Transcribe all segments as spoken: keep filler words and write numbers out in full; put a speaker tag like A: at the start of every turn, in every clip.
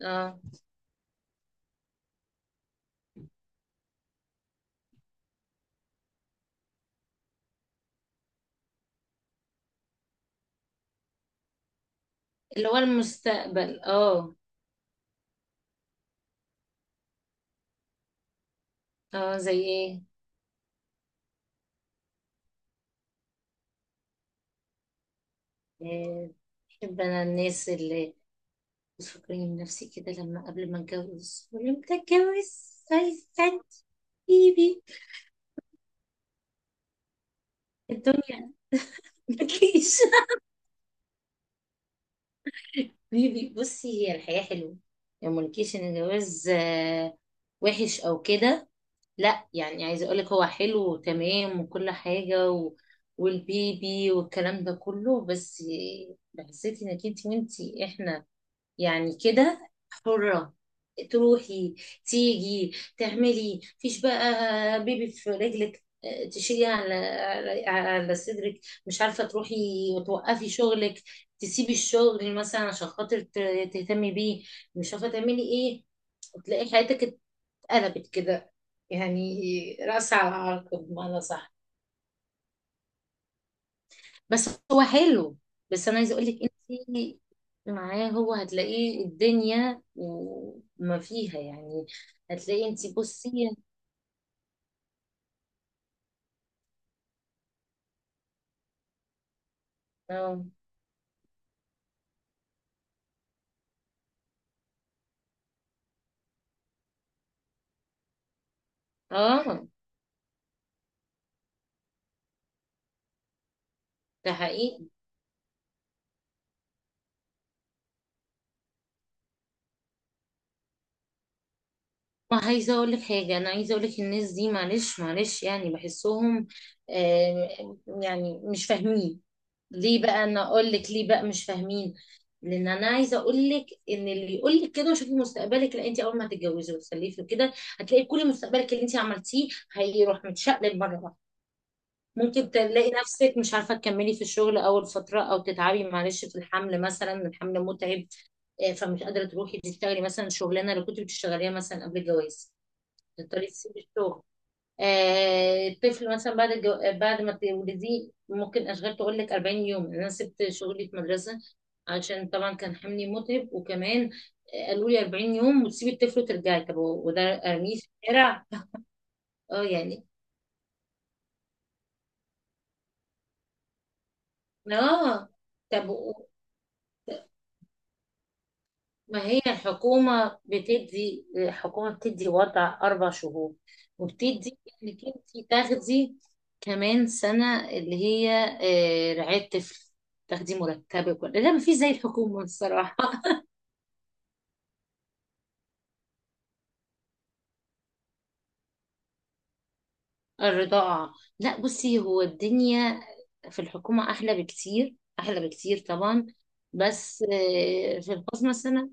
A: اه، اللي هو المستقبل اه. اه زي ايه؟ آه، بحب انا الناس اللي بتفكرني بنفسي كده، لما قبل ما اتجوز ولما اتجوز هيستنى بيبي. الدنيا ملكيش. بيبي بصي، هي الحياة حلوة، يعني ملكيش ان الجواز آه، وحش او كده. لا يعني عايزه اقولك هو حلو وتمام وكل حاجة و... والبيبي والكلام ده كله. بس حسيتي انك انت وانتي احنا يعني كده حرة، تروحي تيجي تعملي، مفيش بقى بيبي في رجلك آه، تشيلي على على على صدرك، مش عارفة تروحي وتوقفي شغلك، تسيبي الشغل مثلا عشان خاطر ت- تهتمي بيه، مش عارفة تعملي ايه، وتلاقي حياتك اتقلبت كده، يعني رأس على عقب بمعنى صح. بس هو حلو، بس انا عايزه اقول لك انت معاه هو هتلاقيه الدنيا وما فيها يعني، هتلاقي انت بصي. اه. اه ده حقيقي. ما عايزه اقول لك حاجه، انا عايزه اقول لك الناس دي معلش معلش يعني بحسهم آه يعني مش فاهمين. ليه بقى؟ انا اقول لك ليه بقى مش فاهمين، لان انا عايزه اقول لك ان اللي يقول لك كده وشوفي مستقبلك، لا انت اول ما هتتجوزي وتخلفي وكده هتلاقي كل مستقبلك اللي انت عملتيه هيروح متشقلب مره واحده. ممكن تلاقي نفسك مش عارفه تكملي في الشغل اول فتره، او تتعبي معلش في الحمل، مثلا الحمل متعب آه، فمش قادره تروحي تشتغلي مثلا الشغلانه اللي كنت بتشتغليها مثلا قبل الجواز، تضطري تسيبي الشغل. آه، الطفل مثلا بعد الجو... آه، بعد ما تولديه ممكن اشغال تقول لك 40 يوم، يعني انا سبت شغلي في مدرسه عشان طبعا كان حملي متعب، وكمان آه، قالوا لي 40 يوم وتسيبي الطفل وترجعي. طب و- وده ارميه في الشارع؟ اه يعني. اه. طب ما هي الحكومة بتدي، الحكومة بتدي وضع أربع شهور، وبتدي إنك أنت تاخدي كمان سنة اللي هي آه، رعاية طفل، تاخدي مرتبك ولا لا. ما في زي الحكومة الصراحة. الرضاعة. لا بصي هو الدنيا في الحكومة أحلى بكتير، أحلى بكتير طبعا. بس آه، في الخاص مثلا،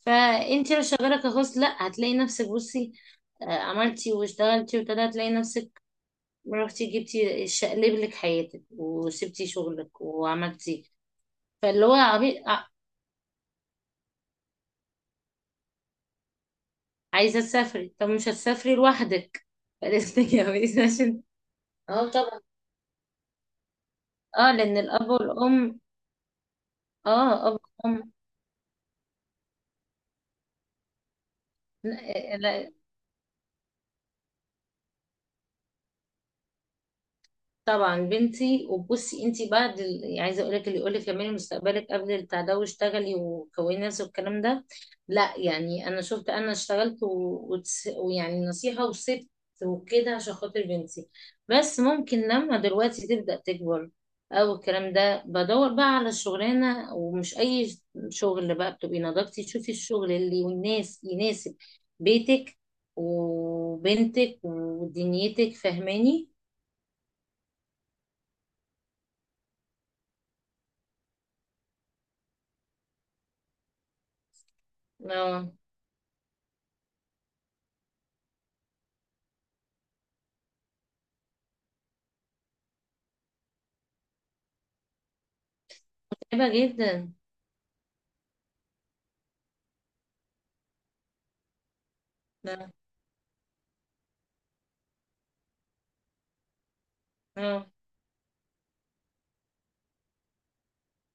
A: فأنت لو شغالة كخاص لا هتلاقي نفسك بصي آه، عملتي واشتغلتي وابتدى، هتلاقي نفسك ما رحتي جبتي شقلب لك حياتك وسبتي شغلك وعملتي. فاللي هو عبي... ع- عايزه تسافري، طب مش هتسافري لوحدك، فلازم تتجوزي عشان. اه طبعا. اه لان الاب والام. اه اب وام. لا. طبعا بنتي. وبصي انت بعد ال- يعني عايزه اقول لك اللي يقول لك كملي مستقبلك قبل البتاع ده واشتغلي وكوني نفسك والكلام ده، لا يعني انا شفت، انا اشتغلت و- وتس- ويعني نصيحه وسبت وكده عشان خاطر بنتي. بس ممكن لما دلوقتي تبدا تكبر او الكلام ده بدور بقى على شغلانه، ومش اي شغل بقى، بتبقي نضجتي تشوفي الشغل اللي والناس يناسب بيتك وبنتك ودنيتك، فاهماني. اه صعبة جدا. ده. اه.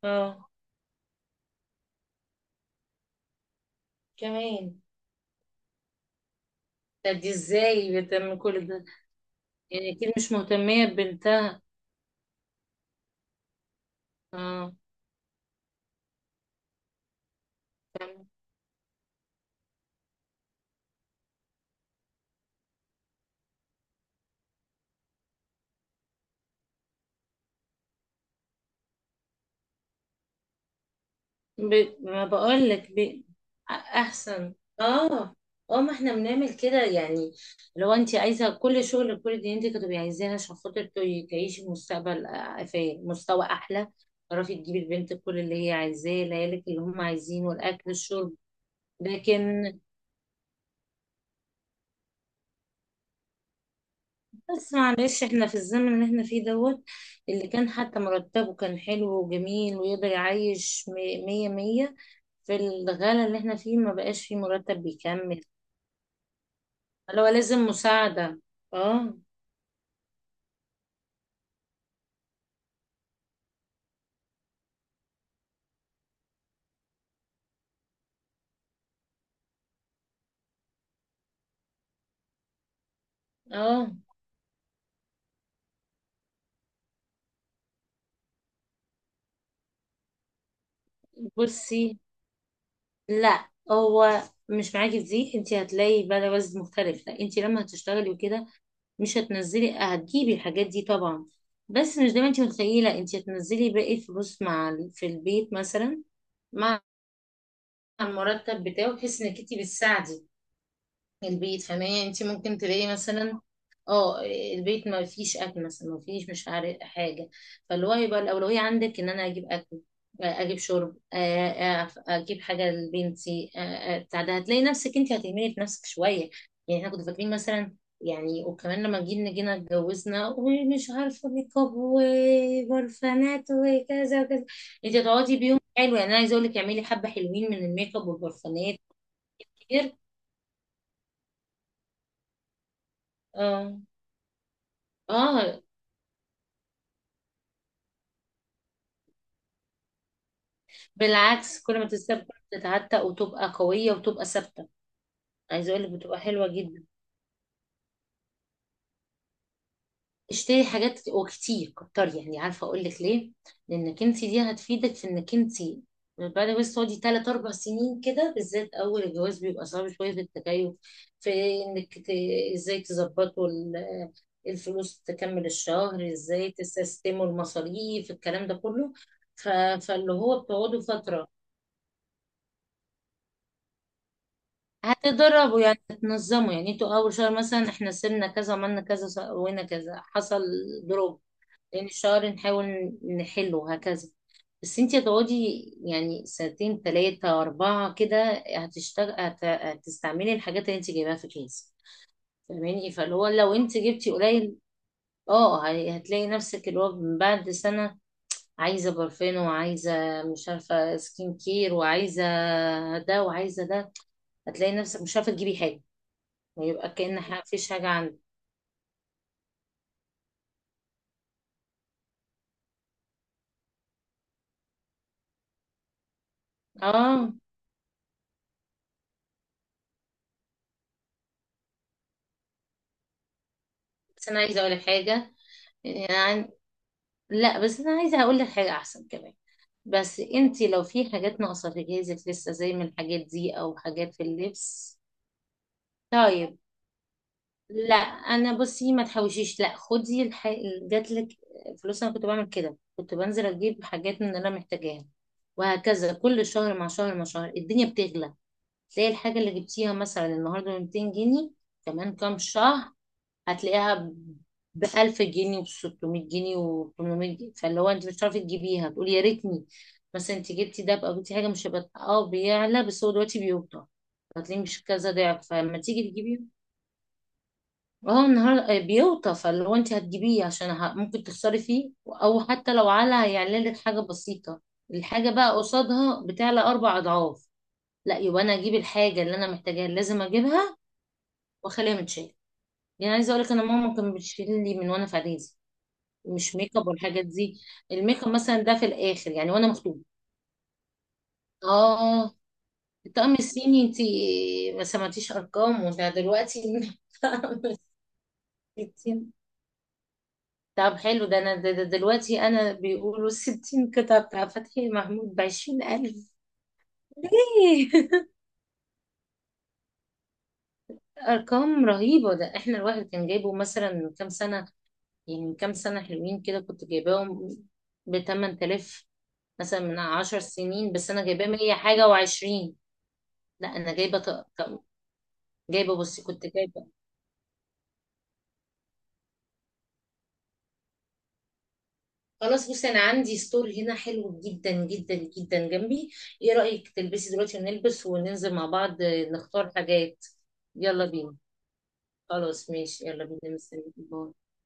A: اه كمان. ده دي ازاي بتعمل كل ده؟ يعني اكيد مش مهتمية ببنتها. اه. تمام. ب... ما بقولك ب... احسن. اه. اه ما احنا بنعمل كده يعني، لو انت عايزة كل شغل كل دي انت كنت عايزاها عشان خاطر ت- تعيشي مستقبل آه، في مستوى احلى، تعرفي تجيبي لبنتك كل اللي هي عايزاه، ليالك اللي هم عايزينه الاكل الشرب. لكن بس معلش احنا في الزمن اللي احنا فيه دوت، اللي كان حتى مرتبه كان حلو وجميل ويقدر يعيش م- مية مية، في الغلا اللي احنا فيه ما بقاش فيه مرتب بيكمل. لو لازم مساعدة. اه. اه بصي، لا هو مش معاكي في دي، انت هتلاقي بقى وزن مختلف، لا انت لما هتشتغلي وكده مش هتنزلي هتجيبي الحاجات دي طبعا، بس مش دايما. انت متخيلة انت هتنزلي باقي الفلوس مع ال- في البيت مثلا، مع المرتب بتاعه، بحيث انك انت بتساعدي البيت، فاهماني. انت ممكن تلاقي مثلا اه البيت ما فيش اكل مثلا، ما فيش مش عارف حاجه، فاللي هو يبقى الاولويه عندك ان انا اجيب اكل، آه، اجيب شرب، آه، آه، اجيب حاجه لبنتي، آه، آه، بتاع ده. هتلاقي نفسك انت هتهملي في نفسك شويه، يعني احنا كنا فاكرين مثلا يعني، وكمان لما جينا جينا اتجوزنا ومش عارفه ميك اب وبرفانات وكذا وكذا، انت هتقعدي بيوم حلو، يعني انا عايزه اقول لك اعملي حبه حلوين من الميك اب والبرفانات كتير. اه. اه بالعكس، كل ما تستبدل تتعتق وتبقى قوية وتبقى ثابتة. عايزة اقول لك بتبقى حلوة جدا، اشتري حاجات وكتير كتر، يعني عارفة اقول لك ليه، لانك انت دي هتفيدك في انك انت بعد بس تقعدي تلات أربع سنين كده، بالذات أول الجواز بيبقى صعب شوية في التكيف، في إنك ت... إزاي تظبطوا ال- الفلوس تكمل الشهر، إزاي تسيستموا المصاريف، الكلام ده كله. ف... فاللي هو بتقعدوا فترة هتدربوا يعني، هتنظموا يعني انتوا اول شهر مثلا احنا سيبنا كذا، عملنا كذا، سوينا كذا، حصل دروب، لان الشهر نحاول نحله هكذا. بس انتي هتقعدي يعني سنتين تلاتة أربعة كده، هتشتغل هت... هتستعملي الحاجات اللي انتي جايباها في كيس، فاهماني. فاللي هو لو انتي جبتي قليل اه هي- هتلاقي نفسك اللي هو من بعد سنة عايزة برفان، وعايزة مش عارفة سكين كير، وعايزة ده وعايزة ده، هتلاقي نفسك مش عارفة تجيبي حاجة، ويبقى كأن ح- مفيش حاجة عندي. اه. بس انا عايزة اقولك حاجة يعني، لا بس انا عايزة اقول لك حاجة احسن كمان. بس انتي لو في حاجات ناقصة في جهازك لسه، زي من الحاجات دي او حاجات في اللبس. طيب. لا انا بصي ما تحوشيش، لا خدي الح... جاتلك فلوس انا كنت بعمل كده، كنت بنزل اجيب حاجات من اللي انا محتاجاها، وهكذا كل شهر مع شهر مع شهر الدنيا بتغلى، تلاقي الحاجة اللي جبتيها مثلا النهاردة ب مئتين جنيه كمان كام شهر هتلاقيها بألف جنيه وبستمية جنيه وبتمنمية جنيه، فاللي هو انت مش هتعرفي تجيبيها، تقولي يا ريتني بس انت جبتي ده. بقى جبتي حاجة مش هيبقى اه بيعلى، بس هو دلوقتي بيوطى، هتلاقيه مش كذا ضعف فلما تيجي تجيبيه. اه النهار آه بيوطى، فاللي هو انت هتجيبيه عشان ه- ممكن تخسري فيه، او حتى لو على هيعلى لك حاجة بسيطة، الحاجة بقى قصادها بتعلى أربع أضعاف. لا يبقى أنا أجيب الحاجة اللي أنا محتاجاها اللي لازم أجيبها وأخليها متشالة. يعني عايزة أقولك أنا ماما كانت بتشيل لي من وأنا في إعدادي، مش ميك اب والحاجات دي، الميك اب مثلا ده في الاخر يعني وانا مخطوبه. اه الطقم الصيني انت ما سمعتيش ارقامه ده دلوقتي. الطقم الستين. طب حلو ده، انا ده ده دلوقتي انا بيقولوا الستين قطعة بتاع فتحي محمود بعشرين ألف. ليه؟ أرقام رهيبة، ده احنا الواحد كان جايبه مثلا من كام سنة، يعني من كام سنة حلوين كده كنت جايباهم بتمن تلاف. مثلا من عشر سنين بس أنا جايباه مية حاجة وعشرين. لا أنا جايبة طقم، جايبه، بصي كنت جايبه. خلاص بصي انا عندي ستور هنا حلو جدا جدا جدا جنبي، ايه رأيك تلبسي دلوقتي ونلبس وننزل مع بعض نختار حاجات؟ يلا بينا. خلاص ماشي، يلا بينا، مستنيك، باي.